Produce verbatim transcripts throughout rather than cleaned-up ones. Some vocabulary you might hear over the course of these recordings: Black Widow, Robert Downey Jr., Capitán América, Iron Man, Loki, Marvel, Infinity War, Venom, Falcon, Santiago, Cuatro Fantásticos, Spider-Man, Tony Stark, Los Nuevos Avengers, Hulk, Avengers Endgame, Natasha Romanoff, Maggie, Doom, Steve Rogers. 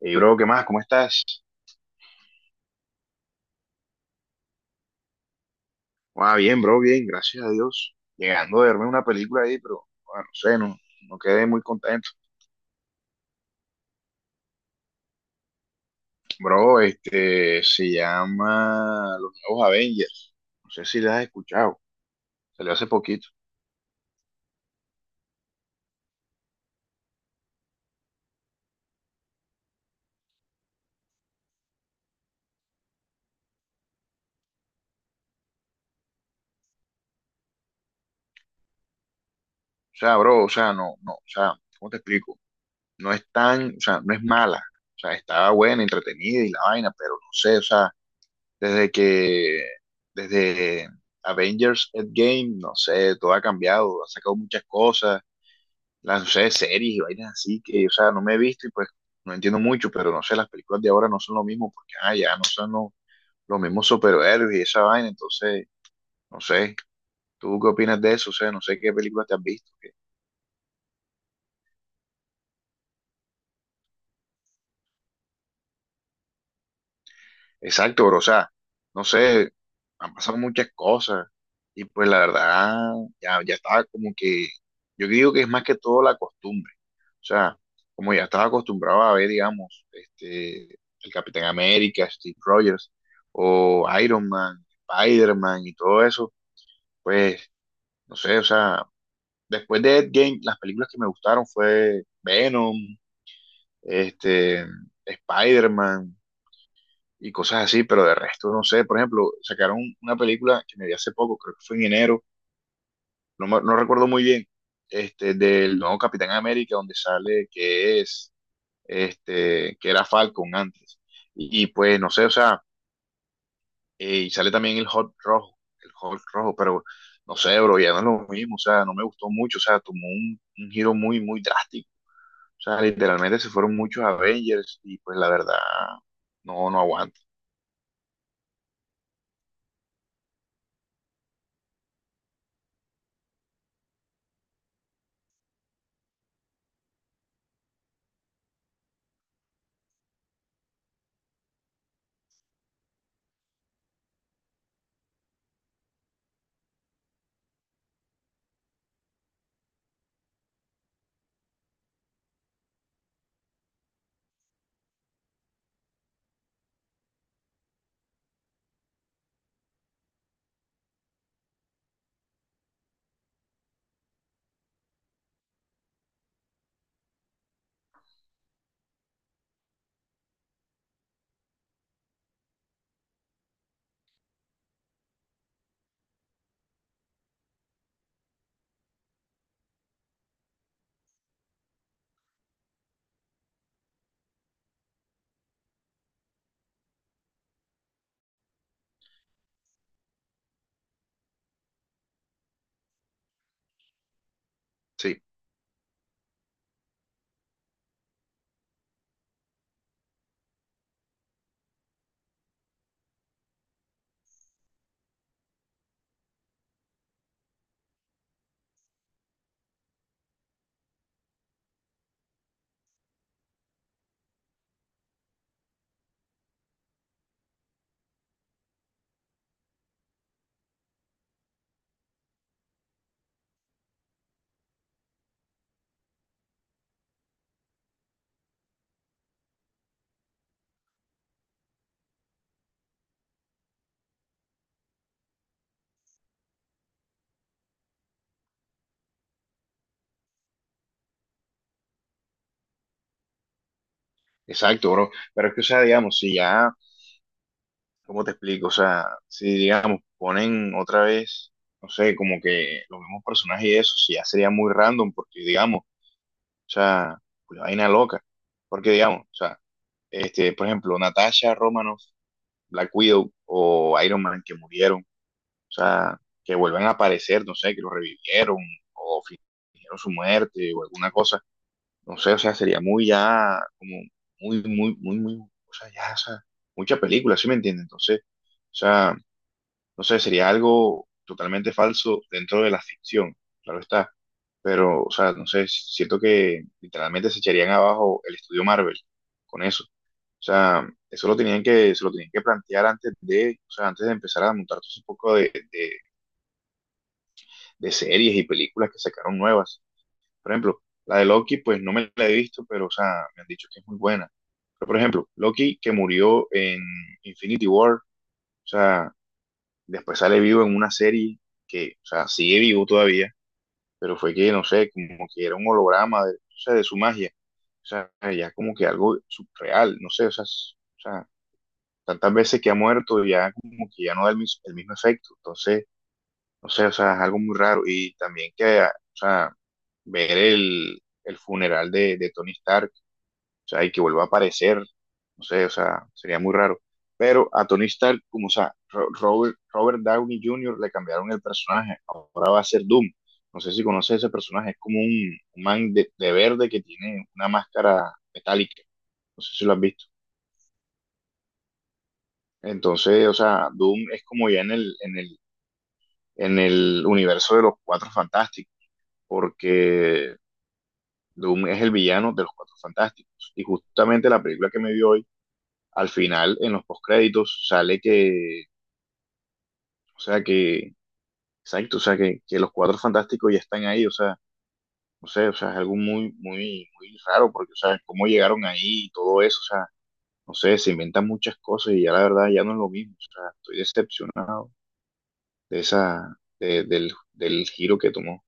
Hey, bro, ¿qué más? ¿Cómo estás? Ah, bien, bro, bien, gracias a Dios. Llegando a verme una película ahí, pero bueno, no sé, no, no quedé muy contento. Bro, este se llama Los Nuevos Avengers. No sé si la has escuchado. Salió hace poquito. O sea, bro, o sea, no, no, o sea, ¿cómo te explico? No es tan, o sea, no es mala. O sea, estaba buena, entretenida y la vaina, pero no sé, o sea, desde que, desde Avengers Endgame, no sé, todo ha cambiado, ha sacado muchas cosas las, no sé, series y vainas así que, o sea, no me he visto y pues no entiendo mucho, pero no sé, las películas de ahora no son lo mismo porque, ah, ya no son lo- los mismos superhéroes y esa vaina, entonces, no sé, ¿tú qué opinas de eso? O sea, no sé qué películas te has visto. Exacto, bro. O sea, no sé, han pasado muchas cosas y pues la verdad, ya, ya estaba como que, yo digo que es más que todo la costumbre. O sea, como ya estaba acostumbrado a ver, digamos, este, el Capitán América, Steve Rogers o Iron Man, Spider-Man y todo eso, pues, no sé, o sea, después de Endgame, las películas que me gustaron fue Venom, este, Spider-Man y cosas así, pero de resto no sé. Por ejemplo, sacaron una película que me vi hace poco, creo que fue en enero, no, me- no recuerdo muy bien, este, del nuevo Capitán América, donde sale que es, este, que era Falcon antes. Y, y, pues no sé, o sea, eh, y sale también el Hulk rojo, el Hulk rojo, pero no sé, bro, ya no es lo mismo, o sea, no me gustó mucho, o sea, tomó un, un giro muy, muy drástico. O sea, literalmente se fueron muchos Avengers y pues la verdad, no, no aguanto. Sí. Exacto, bro. Pero es que, o sea, digamos, si ya, ¿cómo te explico? O sea, si, digamos, ponen otra vez, no sé, como que los mismos personajes y eso, si ya sería muy random, porque, digamos, o sea, una vaina loca. Porque, digamos, o sea, este, por ejemplo, Natasha Romanoff, Black Widow o Iron Man que murieron, o sea, que vuelven a aparecer, no sé, que los revivieron o fingieron su muerte o alguna cosa. No sé, o sea, sería muy ya, como muy, muy, muy, muy, o sea, ya, o sea, mucha película, ¿sí me entiendes? Entonces, o sea, no sé, sería algo totalmente falso dentro de la ficción, claro está, pero, o sea, no sé, siento que literalmente se echarían abajo el estudio Marvel con eso. O sea, eso lo tenían que, se lo tenían que plantear antes de, o sea, antes de empezar a montar todo ese poco de, de de series y películas que sacaron nuevas. Por ejemplo, la de Loki, pues no me la he visto, pero, o sea, me han dicho que es muy buena. Pero, por ejemplo, Loki que murió en Infinity War, o sea, después sale vivo en una serie que, o sea, sigue vivo todavía, pero fue que, no sé, como que era un holograma de, o sea, de su magia. O sea, ya como que algo surreal, no sé, o sea, es- o sea, tantas veces que ha muerto, ya como que ya no da el, mis- el mismo efecto. Entonces, no sé, o sea, es algo muy raro. Y también que, ah, o sea, ver el, el funeral de, de Tony Stark, o sea, y que vuelva a aparecer, no sé, o sea, sería muy raro. Pero a Tony Stark, como, o sea, Ro- Robert, Robert Downey junior le cambiaron el personaje, ahora va a ser Doom. No sé si conoces ese personaje, es como un, un man de, de verde que tiene una máscara metálica, no sé si lo has visto. Entonces, o sea, Doom es como ya en el, en el, en el universo de los Cuatro Fantásticos, porque Doom es el villano de los Cuatro Fantásticos. Y justamente la película que me dio hoy, al final, en los postcréditos, sale que, o sea, que, exacto, o sea, que, que los Cuatro Fantásticos ya están ahí, o sea, no sé, o sea, es algo muy, muy, muy raro, porque, o sea, cómo llegaron ahí y todo eso, o sea, no sé, se inventan muchas cosas y ya la verdad ya no es lo mismo, o sea, estoy decepcionado de esa, de- del, del giro que tomó.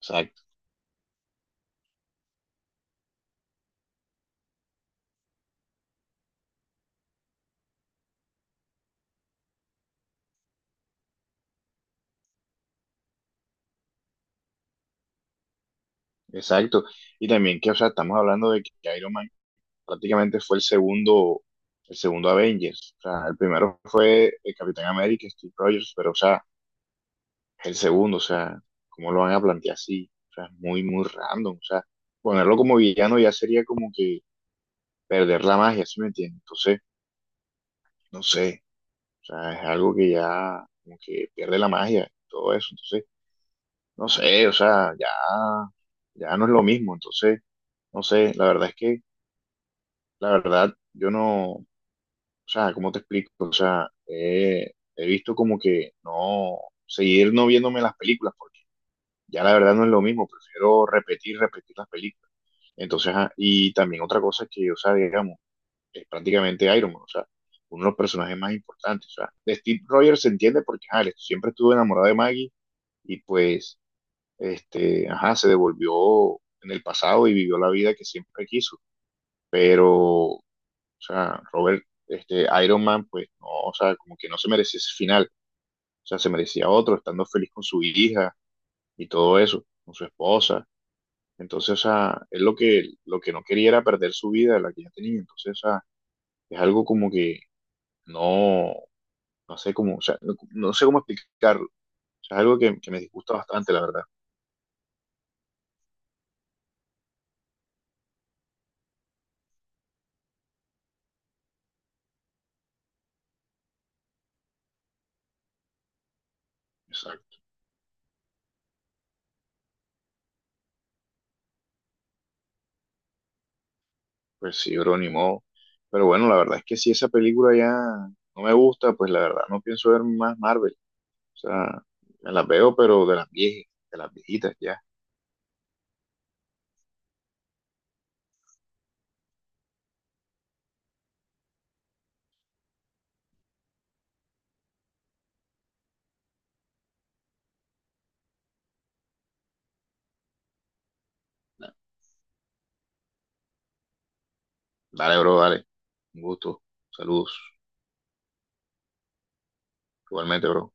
Exacto, exacto. Y también que, o sea, estamos hablando de que Iron Man prácticamente fue el segundo, el segundo Avengers. O sea, el primero fue el Capitán América, Steve Rogers, pero o sea, el segundo, o sea, ¿cómo lo van a plantear así? O sea, es muy, muy random. O sea, ponerlo como villano ya sería como que perder la magia, ¿sí me entiendes? Entonces, no sé, o sea, es algo que ya como que pierde la magia, todo eso. Entonces, no sé, o sea, ya, ya no es lo mismo. Entonces, no sé, la verdad es que, la verdad, yo no, o sea, ¿cómo te explico? O sea, eh, he visto como que no, seguir no viéndome las películas, porque ya la verdad no es lo mismo, prefiero repetir, repetir las películas. Entonces, ajá, y también otra cosa que, o sea, digamos, es prácticamente Iron Man, o sea, uno de los personajes más importantes. O sea, de Steve Rogers se entiende porque, ajá, él siempre estuvo enamorado de Maggie y pues, este, ajá, se devolvió en el pasado y vivió la vida que siempre quiso. Pero o sea, Robert, este, Iron Man, pues no, o sea, como que no se merecía ese final. O sea, se merecía otro, estando feliz con su hija y todo eso, con su esposa. Entonces, o sea, él lo que, lo que no quería era perder su vida, la que ya tenía. Entonces, o sea, es algo como que no, no sé cómo, o sea, no, no sé cómo explicarlo. O sea, es algo que, que me disgusta bastante, la verdad. Exacto. Pues sí, bro, ni modo. Pero bueno, la verdad es que si esa película ya no me gusta, pues la verdad no pienso ver más Marvel. O sea, me las veo, pero de las viejas, de las viejitas ya. Dale, bro, dale. Un gusto. Saludos. Igualmente, bro.